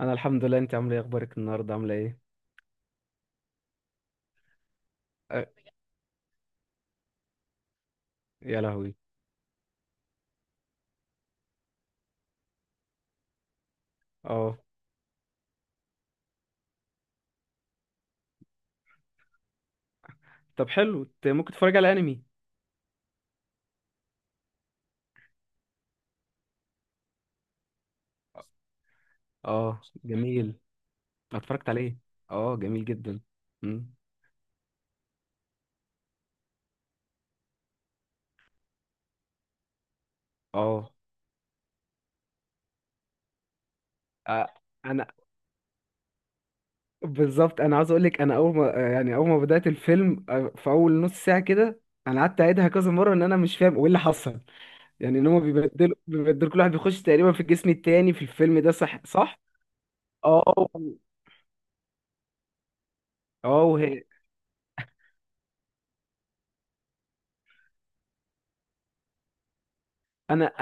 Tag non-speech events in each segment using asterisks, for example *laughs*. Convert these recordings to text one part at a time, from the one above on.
انا الحمد لله. انت عامله ايه؟ اخبارك النهارده عامله ايه؟ أه،. يا لهوي. اه. طب حلو، انت ممكن تتفرج على انمي. اه، جميل. اتفرجت عليه. اه جميل جدا. مم. اه آه، انا بالظبط عاوز اقول لك، انا اول ما بدات الفيلم، في اول نص ساعه كده، انا قعدت اعيدها كذا مره ان انا مش فاهم ايه اللي حصل. يعني ان هم بيبدلوا كل واحد بيخش تقريبا في الجسم التاني في الفيلم ده، صح صح. اه. اه وهي. انا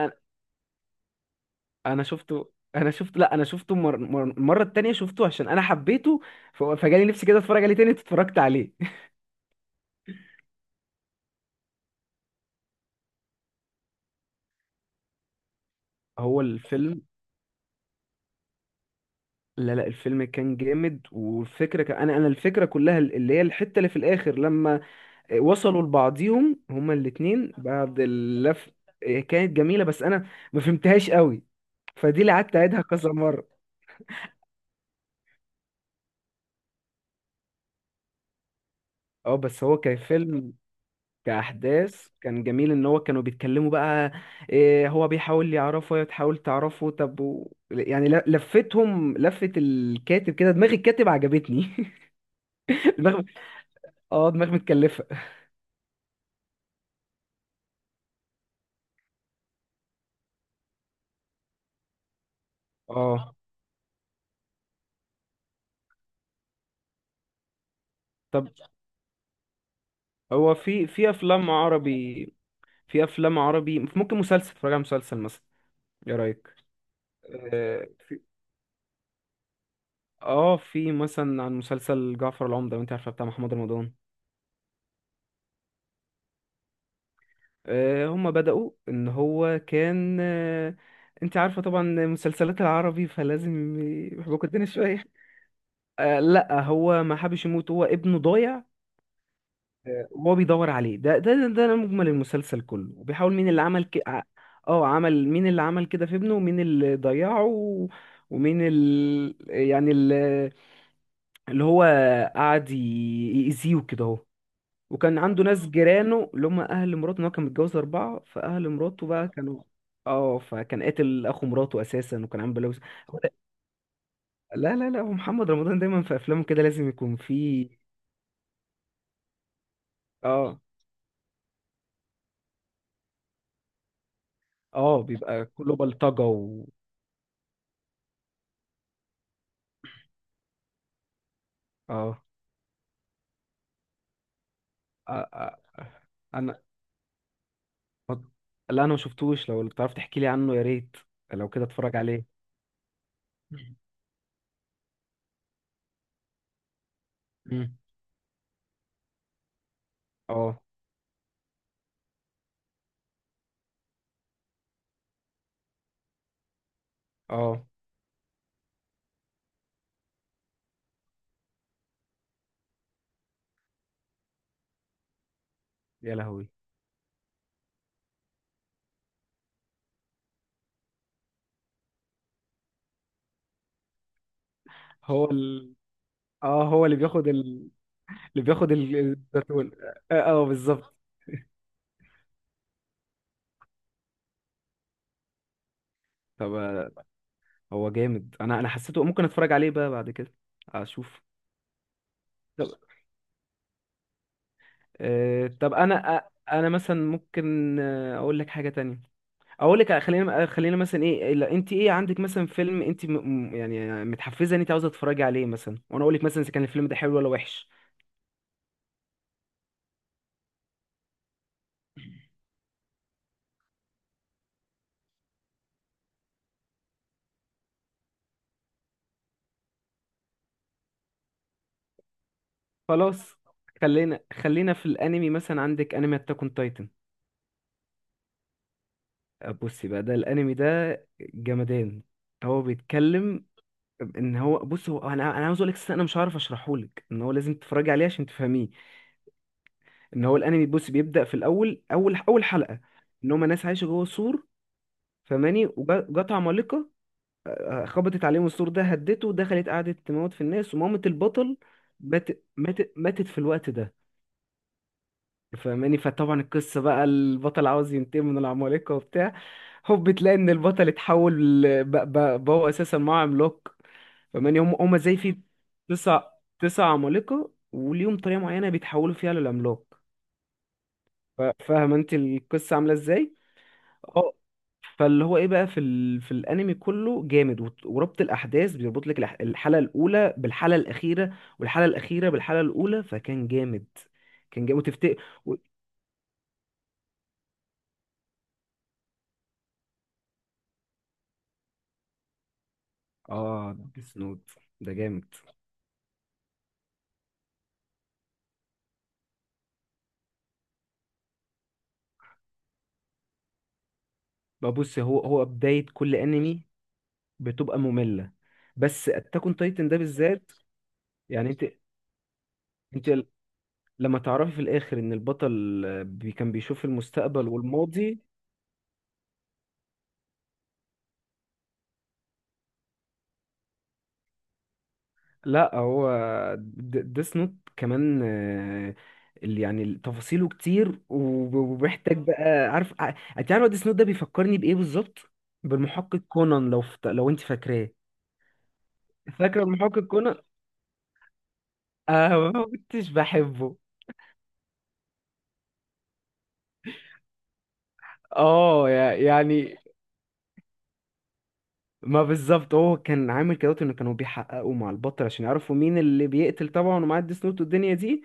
انا شفته انا شفته لا، انا شفته المره التانية، شفته عشان انا حبيته. فجالي نفسي كده اتفرج عليه تاني، اتفرجت عليه. *laughs* هو الفيلم. لا لا، الفيلم كان جامد، والفكره كان انا الفكره كلها اللي هي الحته اللي في الاخر لما وصلوا لبعضيهم هما الاتنين بعد اللف. كانت جميله، بس انا ما فهمتهاش قوي، فدي اللي قعدت اعيدها كذا مره. اه بس هو كان فيلم، كأحداث كان جميل، إن هو كانوا بيتكلموا بقى إيه، هو بيحاول يعرفه وهي تحاول تعرفه. طب و... يعني ل- لفتهم لفة الكاتب كده، دماغ الكاتب عجبتني. *laughs* دماغ. اه، دماغ متكلفة. اه. طب هو في أفلام عربي، في أفلام عربي، ممكن مسلسل اتفرج على مسلسل مثلا. إيه رأيك؟ آه، في اه في مثلا عن مسلسل جعفر العمدة، لو انت عارفه بتاع محمد رمضان. هما بدأوا ان هو كان انت عارفة طبعا مسلسلات العربي فلازم يحبكوا الدنيا شوية. لا هو ما حبش يموت، هو ابنه ضايع. وهو بيدور عليه، ده مجمل المسلسل كله. وبيحاول مين اللي عمل ك... ع- اه عمل، مين اللي عمل كده في ابنه، ومين اللي ضيعه و- ومين ال... يعني ال... اللي هو قعد يأذيه كده. وكان عنده ناس جيرانه اللي هم اهل مراته، ان هو كان متجوز 4، فاهل مراته بقى كانوا، اه، فكان قاتل اخو مراته اساسا، وكان عامل بلاوي. هو ده- لا لا لا، هو محمد رمضان دايما في افلامه كده لازم يكون فيه. اه. اه بيبقى كله بلطجه، و اه، آه، آه، آه. انا، لا انا ما شفتوش، لو تعرف تحكي لي عنه يا ريت. لو كده اتفرج عليه. مم. اه. اه. يا لهوي. هو ال... اه هو اللي بياخد ال... اللي بياخد الزيتون. بالظبط. طب هو جامد، انا حسيته ممكن اتفرج عليه بقى بعد كده، اشوف. طب طب انا مثلا ممكن اقول لك حاجه تانية. اقول لك خلينا مثلا ايه، لا، انت ايه عندك مثلا فيلم انت يعني متحفزه ان انت عاوزه تتفرجي عليه مثلا، وانا اقول لك مثلا اذا كان الفيلم ده حلو ولا وحش. خلاص، خلينا في الانمي، مثلا عندك انمي اتاك اون تايتن. بصي بقى، ده الانمي ده جمدان. هو بيتكلم ان هو، بص، هو انا عاوز اقول لك أساساً انا مش عارف اشرحه لك، ان هو لازم تتفرجي عليه عشان تفهميه. ان هو الانمي، بص، بيبدا في الاول، اول حلقه، ان هم ناس عايشه جوه سور، فماني، وجات عمالقه، خبطت عليهم السور ده، هدته، دخلت قعدت تموت في الناس، ومامة البطل مات، ماتت في الوقت ده فماني. فطبعا القصه بقى البطل عاوز ينتقم من العمالقه وبتاع. هوب تلاقي ان البطل اتحول بقى هو اساسا معاه عملاق، فماني. هم زي في تسع، 9 عمالقة، وليهم طريقة معينة بيتحولوا فيها للعملاق. فاهم انت القصة عاملة ازاي؟ اه. فاللي هو ايه بقى في ال... في الانمي كله جامد، وت- وربط الاحداث، بيربط لك الحلقة الاولى بالحلقة الاخيرة والحلقة الاخيرة بالحلقة الاولى، فكان جامد. كان جامد وتفتكر و... اه، ديس نوت ده جامد. بقى بص، هو بداية كل انمي بتبقى مملة، بس اتاك اون تايتن ده بالذات، يعني انت انت لما تعرفي في الاخر ان البطل بي كان بيشوف المستقبل والماضي. لا، هو ديس نوت كمان اللي يعني تفاصيله كتير، وب- وبيحتاج بقى. انت عارفه ديس نوت ده بيفكرني بايه بالظبط؟ بالمحقق كونان، لو انت فاكراه. فاكره المحقق كونان؟ انا ما كنتش بحبه. اه. يعني، ما بالظبط، هو كان عامل كده ان كانوا بيحققوا مع البطل عشان يعرفوا مين اللي بيقتل طبعا ومعاه الديس نوت والدنيا دي،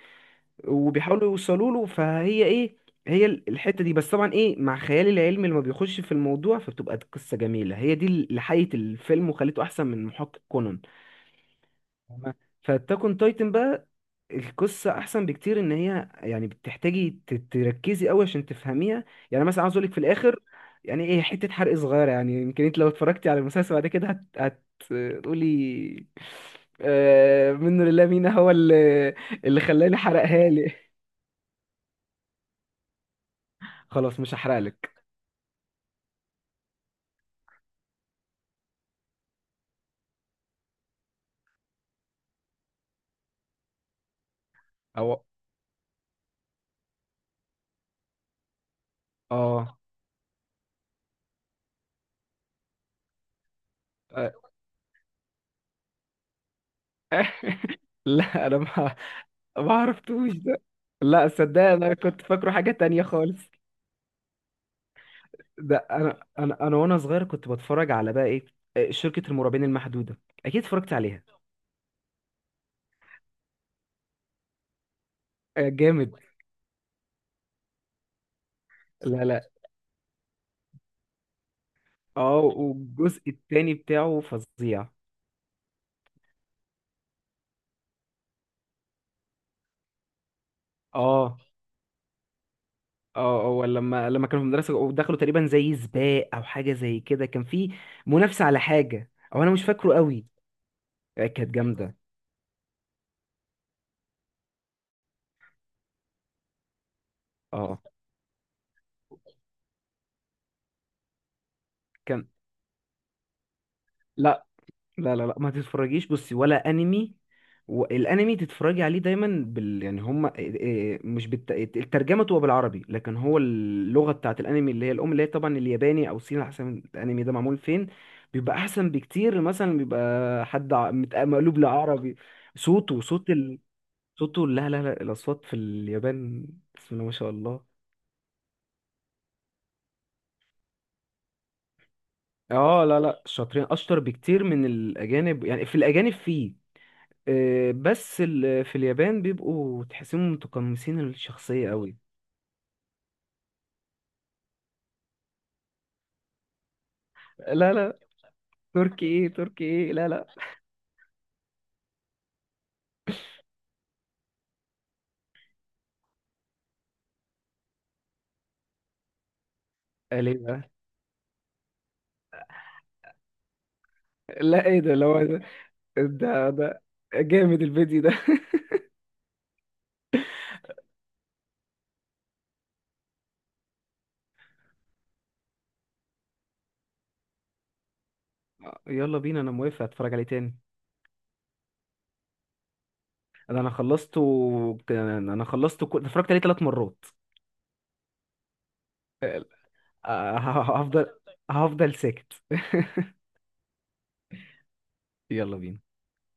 وبيحاولوا يوصلوا له، فهي ايه، هي الحتة دي. بس طبعا ايه مع خيالي العلمي، لما بيخش في الموضوع فبتبقى القصة جميلة، هي دي اللي حيت الفيلم وخليته احسن من محقق كونان. تمام. فاتاكون تايتن بقى، القصة احسن بكتير، ان هي يعني بتحتاجي تركزي قوي عشان تفهميها. يعني مثلا عاوز اقولك في الاخر، يعني ايه، حتة حرق صغيرة، يعني يمكن انت لو اتفرجتي على المسلسل بعد كده هت... هتقولي من لله مين هو اللي، اللي خلاني حرقها لي. خلاص، مش هحرقلك. او. اه. آه. *laughs* لا انا ما عرفتوش ده. لا صدق، انا كنت فاكره حاجة تانية خالص. ده انا وانا صغير كنت بتفرج على بقى ايه، شركة المرعبين المحدودة، اكيد اتفرجت عليها. جامد. لا لا. اه، والجزء التاني بتاعه فظيع. اه. اه هو لما، كانوا في المدرسة ودخلوا تقريبا زي سباق او حاجة زي كده، كان في منافسة على حاجة، او انا مش فاكره قوي. كانت جامدة. اه. كان. لا لا لا، ما تتفرجيش بصي ولا انمي. والانمي تتفرجي عليه دايما بال يعني هم آه، آه، مش الترجمه تبقى بالعربي لكن هو اللغه بتاعت الانمي اللي هي الام اللي هي طبعا الياباني او الصيني على حسب الانمي ده معمول فين، بيبقى احسن بكتير، مثلا بيبقى حد مقلوب لعربي. صوته صوت ال... صوته لا لا لا، الاصوات في اليابان بسم الله ما شاء الله. اه لا لا، شاطرين، اشطر بكتير من الاجانب. يعني في الاجانب فيه في اليابان بيبقوا تحسهم متقمصين الشخصية قوي. لا لا، تركي ايه، تركي ايه، لا لا. ليه بقى؟ لا ايه ده اللي هو ده، ده ده جامد الفيديو ده. *laughs* يلا بينا، انا موافق اتفرج عليه تاني. ده انا خلصته، انا خلصته اتفرجت عليه 3 مرات. آه، هفضل، هفضل ساكت. *laughs* يلا بينا.